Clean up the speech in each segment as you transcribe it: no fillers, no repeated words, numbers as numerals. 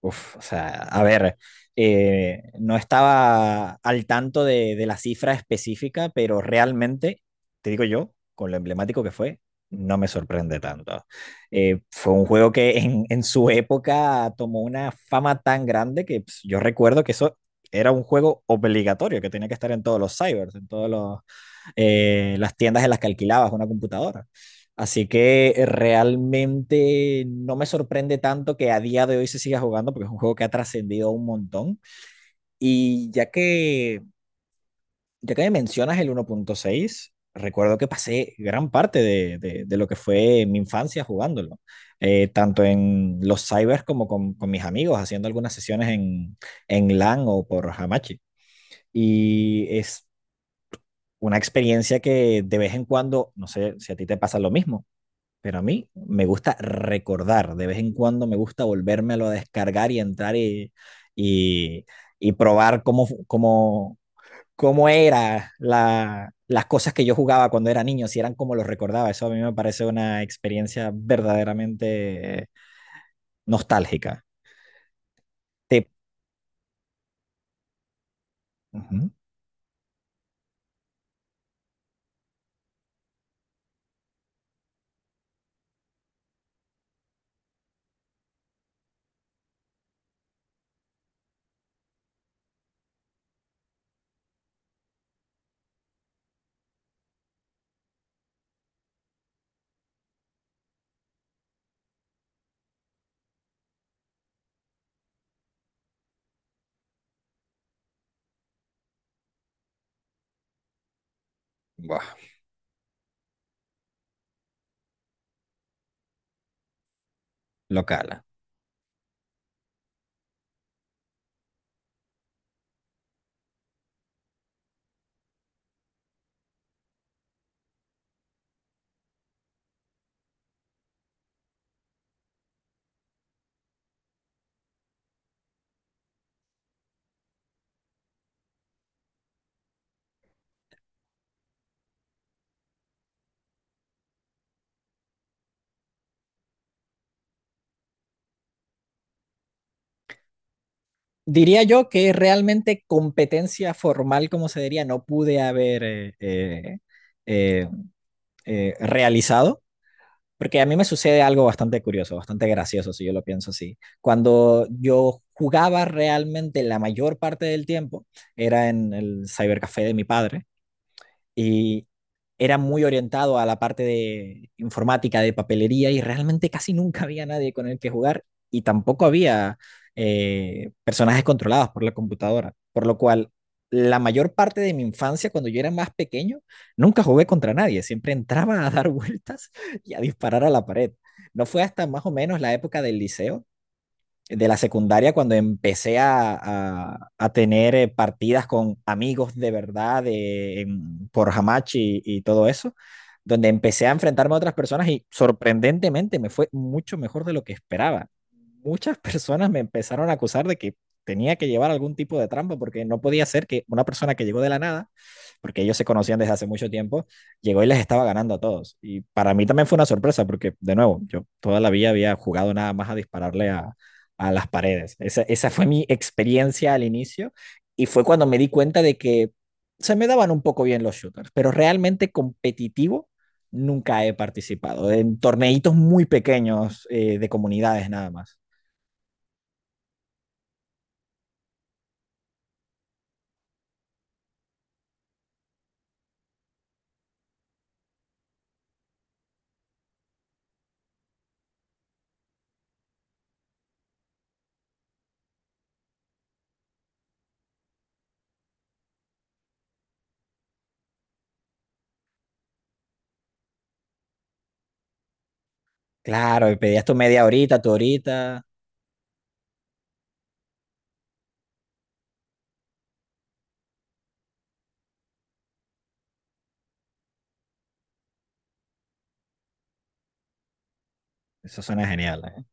Uf, o sea, a ver, no estaba al tanto de la cifra específica, pero realmente, te digo yo, con lo emblemático que fue, no me sorprende tanto. Fue un juego que en su época tomó una fama tan grande que pues, yo recuerdo que eso era un juego obligatorio, que tenía que estar en todos los cybers, las tiendas en las que alquilabas una computadora. Así que realmente no me sorprende tanto que a día de hoy se siga jugando porque es un juego que ha trascendido un montón. Y ya que me mencionas el 1.6, recuerdo que pasé gran parte de lo que fue mi infancia jugándolo, tanto en los cybers como con mis amigos, haciendo algunas sesiones en LAN o por Hamachi. Y es una experiencia que, de vez en cuando, no sé si a ti te pasa lo mismo, pero a mí me gusta recordar; de vez en cuando me gusta volvérmelo a descargar y entrar y, y probar cómo eran las cosas que yo jugaba cuando era niño, si eran como los recordaba. Eso a mí me parece una experiencia verdaderamente nostálgica. Te... Uh -huh. Buah. Local. Diría yo que realmente competencia formal, como se diría, no pude haber eh, realizado, porque a mí me sucede algo bastante curioso, bastante gracioso, si yo lo pienso así. Cuando yo jugaba realmente la mayor parte del tiempo, era en el cybercafé de mi padre. Y era muy orientado a la parte de informática, de papelería, y realmente casi nunca había nadie con el que jugar, y tampoco había personajes controlados por la computadora, por lo cual la mayor parte de mi infancia, cuando yo era más pequeño, nunca jugué contra nadie; siempre entraba a dar vueltas y a disparar a la pared. No fue hasta más o menos la época del liceo, de la secundaria, cuando empecé a tener partidas con amigos de verdad, por Hamachi y todo eso, donde empecé a enfrentarme a otras personas y sorprendentemente me fue mucho mejor de lo que esperaba. Muchas personas me empezaron a acusar de que tenía que llevar algún tipo de trampa, porque no podía ser que una persona que llegó de la nada, porque ellos se conocían desde hace mucho tiempo, llegó y les estaba ganando a todos. Y para mí también fue una sorpresa porque, de nuevo, yo toda la vida había jugado nada más a dispararle a las paredes. Esa fue mi experiencia al inicio, y fue cuando me di cuenta de que se me daban un poco bien los shooters, pero realmente competitivo nunca he participado, en torneitos muy pequeños de comunidades nada más. Claro, pedías tu media horita, tu horita. Eso suena genial, ¿eh?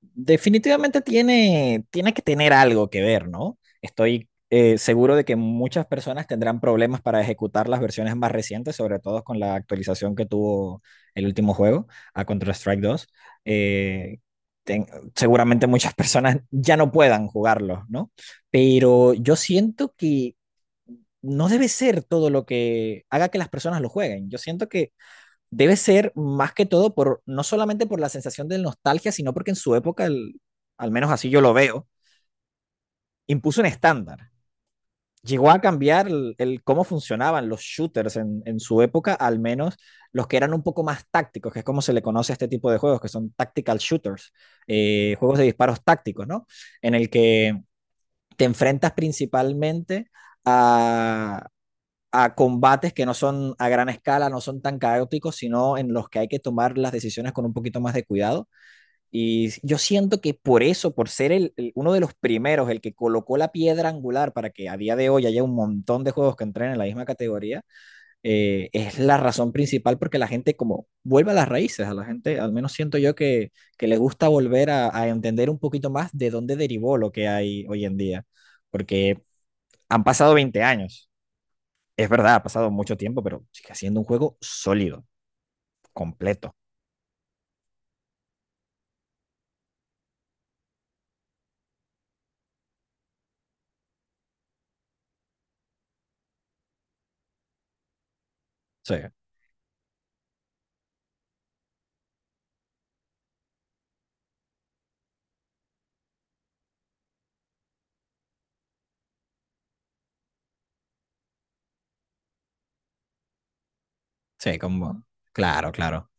Definitivamente tiene que tener algo que ver, ¿no? Estoy seguro de que muchas personas tendrán problemas para ejecutar las versiones más recientes, sobre todo con la actualización que tuvo el último juego, a Counter-Strike 2. Eh, ten- Seguramente muchas personas ya no puedan jugarlo, ¿no? Pero yo siento que no debe ser todo lo que haga que las personas lo jueguen. Yo siento que debe ser, más que todo, por, no solamente por la sensación de nostalgia, sino porque en su época, el, al menos así yo lo veo, impuso un estándar. Llegó a cambiar el cómo funcionaban los shooters en su época, al menos los que eran un poco más tácticos, que es como se le conoce a este tipo de juegos, que son tactical shooters, juegos de disparos tácticos, ¿no? En el que te enfrentas principalmente a, a combates que no son a gran escala, no son tan caóticos, sino en los que hay que tomar las decisiones con un poquito más de cuidado. Y yo siento que por eso, por ser uno de los primeros, el que colocó la piedra angular para que a día de hoy haya un montón de juegos que entren en la misma categoría, es la razón principal porque la gente como vuelve a las raíces; a la gente, al menos siento yo, que le gusta volver a entender un poquito más de dónde derivó lo que hay hoy en día, porque han pasado 20 años, es verdad, ha pasado mucho tiempo, pero sigue siendo un juego sólido, completo. Sí, sí, como. Claro, claro.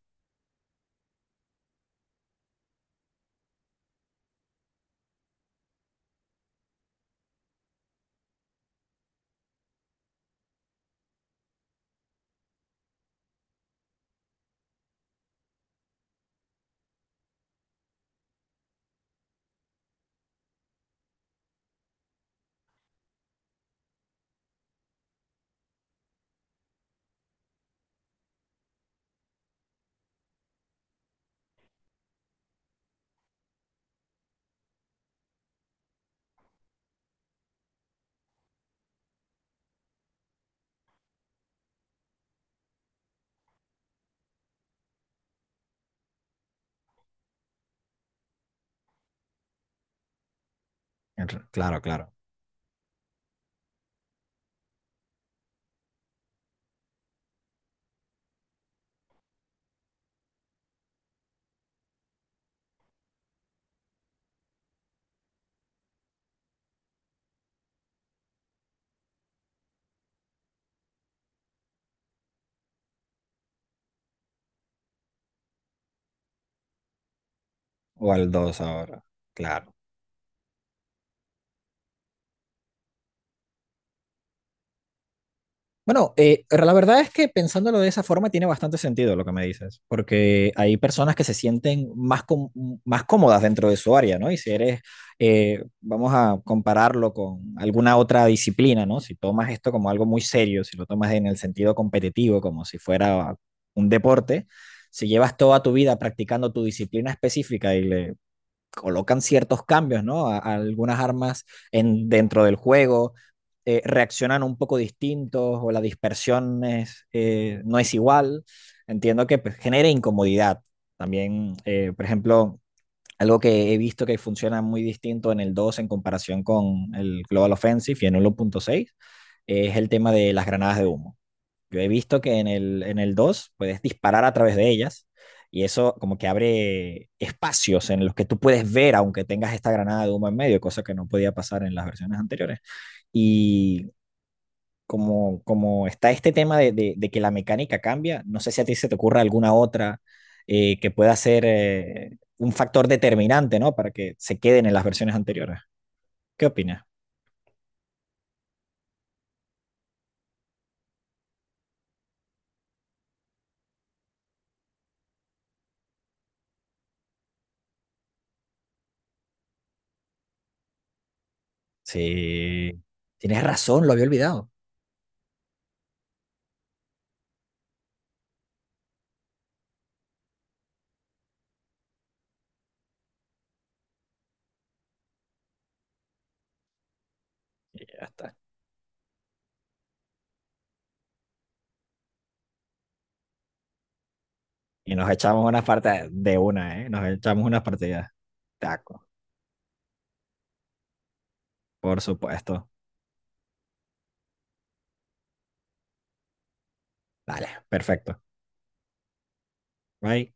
Claro, claro. O al 2 ahora. Claro. Bueno, la verdad es que, pensándolo de esa forma, tiene bastante sentido lo que me dices, porque hay personas que se sienten más, más cómodas dentro de su área, ¿no? Y si eres, vamos a compararlo con alguna otra disciplina, ¿no? Si tomas esto como algo muy serio, si lo tomas en el sentido competitivo, como si fuera un deporte, si llevas toda tu vida practicando tu disciplina específica y le colocan ciertos cambios, ¿no? A algunas armas, dentro del juego, reaccionan un poco distintos, o la dispersión, es, no es igual. Entiendo que pues, genera incomodidad. También, por ejemplo, algo que he visto que funciona muy distinto en el 2 en comparación con el Global Offensive y en 1.6, es el tema de las granadas de humo. Yo he visto que en el 2 puedes disparar a través de ellas, y eso como que abre espacios en los que tú puedes ver aunque tengas esta granada de humo en medio, cosa que no podía pasar en las versiones anteriores. Y como está este tema de que la mecánica cambia, no sé si a ti se te ocurra alguna otra, que pueda ser, un factor determinante, ¿no? Para que se queden en las versiones anteriores. ¿Qué opinas? Sí, tienes razón, lo había olvidado. Y ya está. Y nos echamos unas partidas de una, ¿eh? Nos echamos unas partidas. Taco, por supuesto. Dale, perfecto. Bye.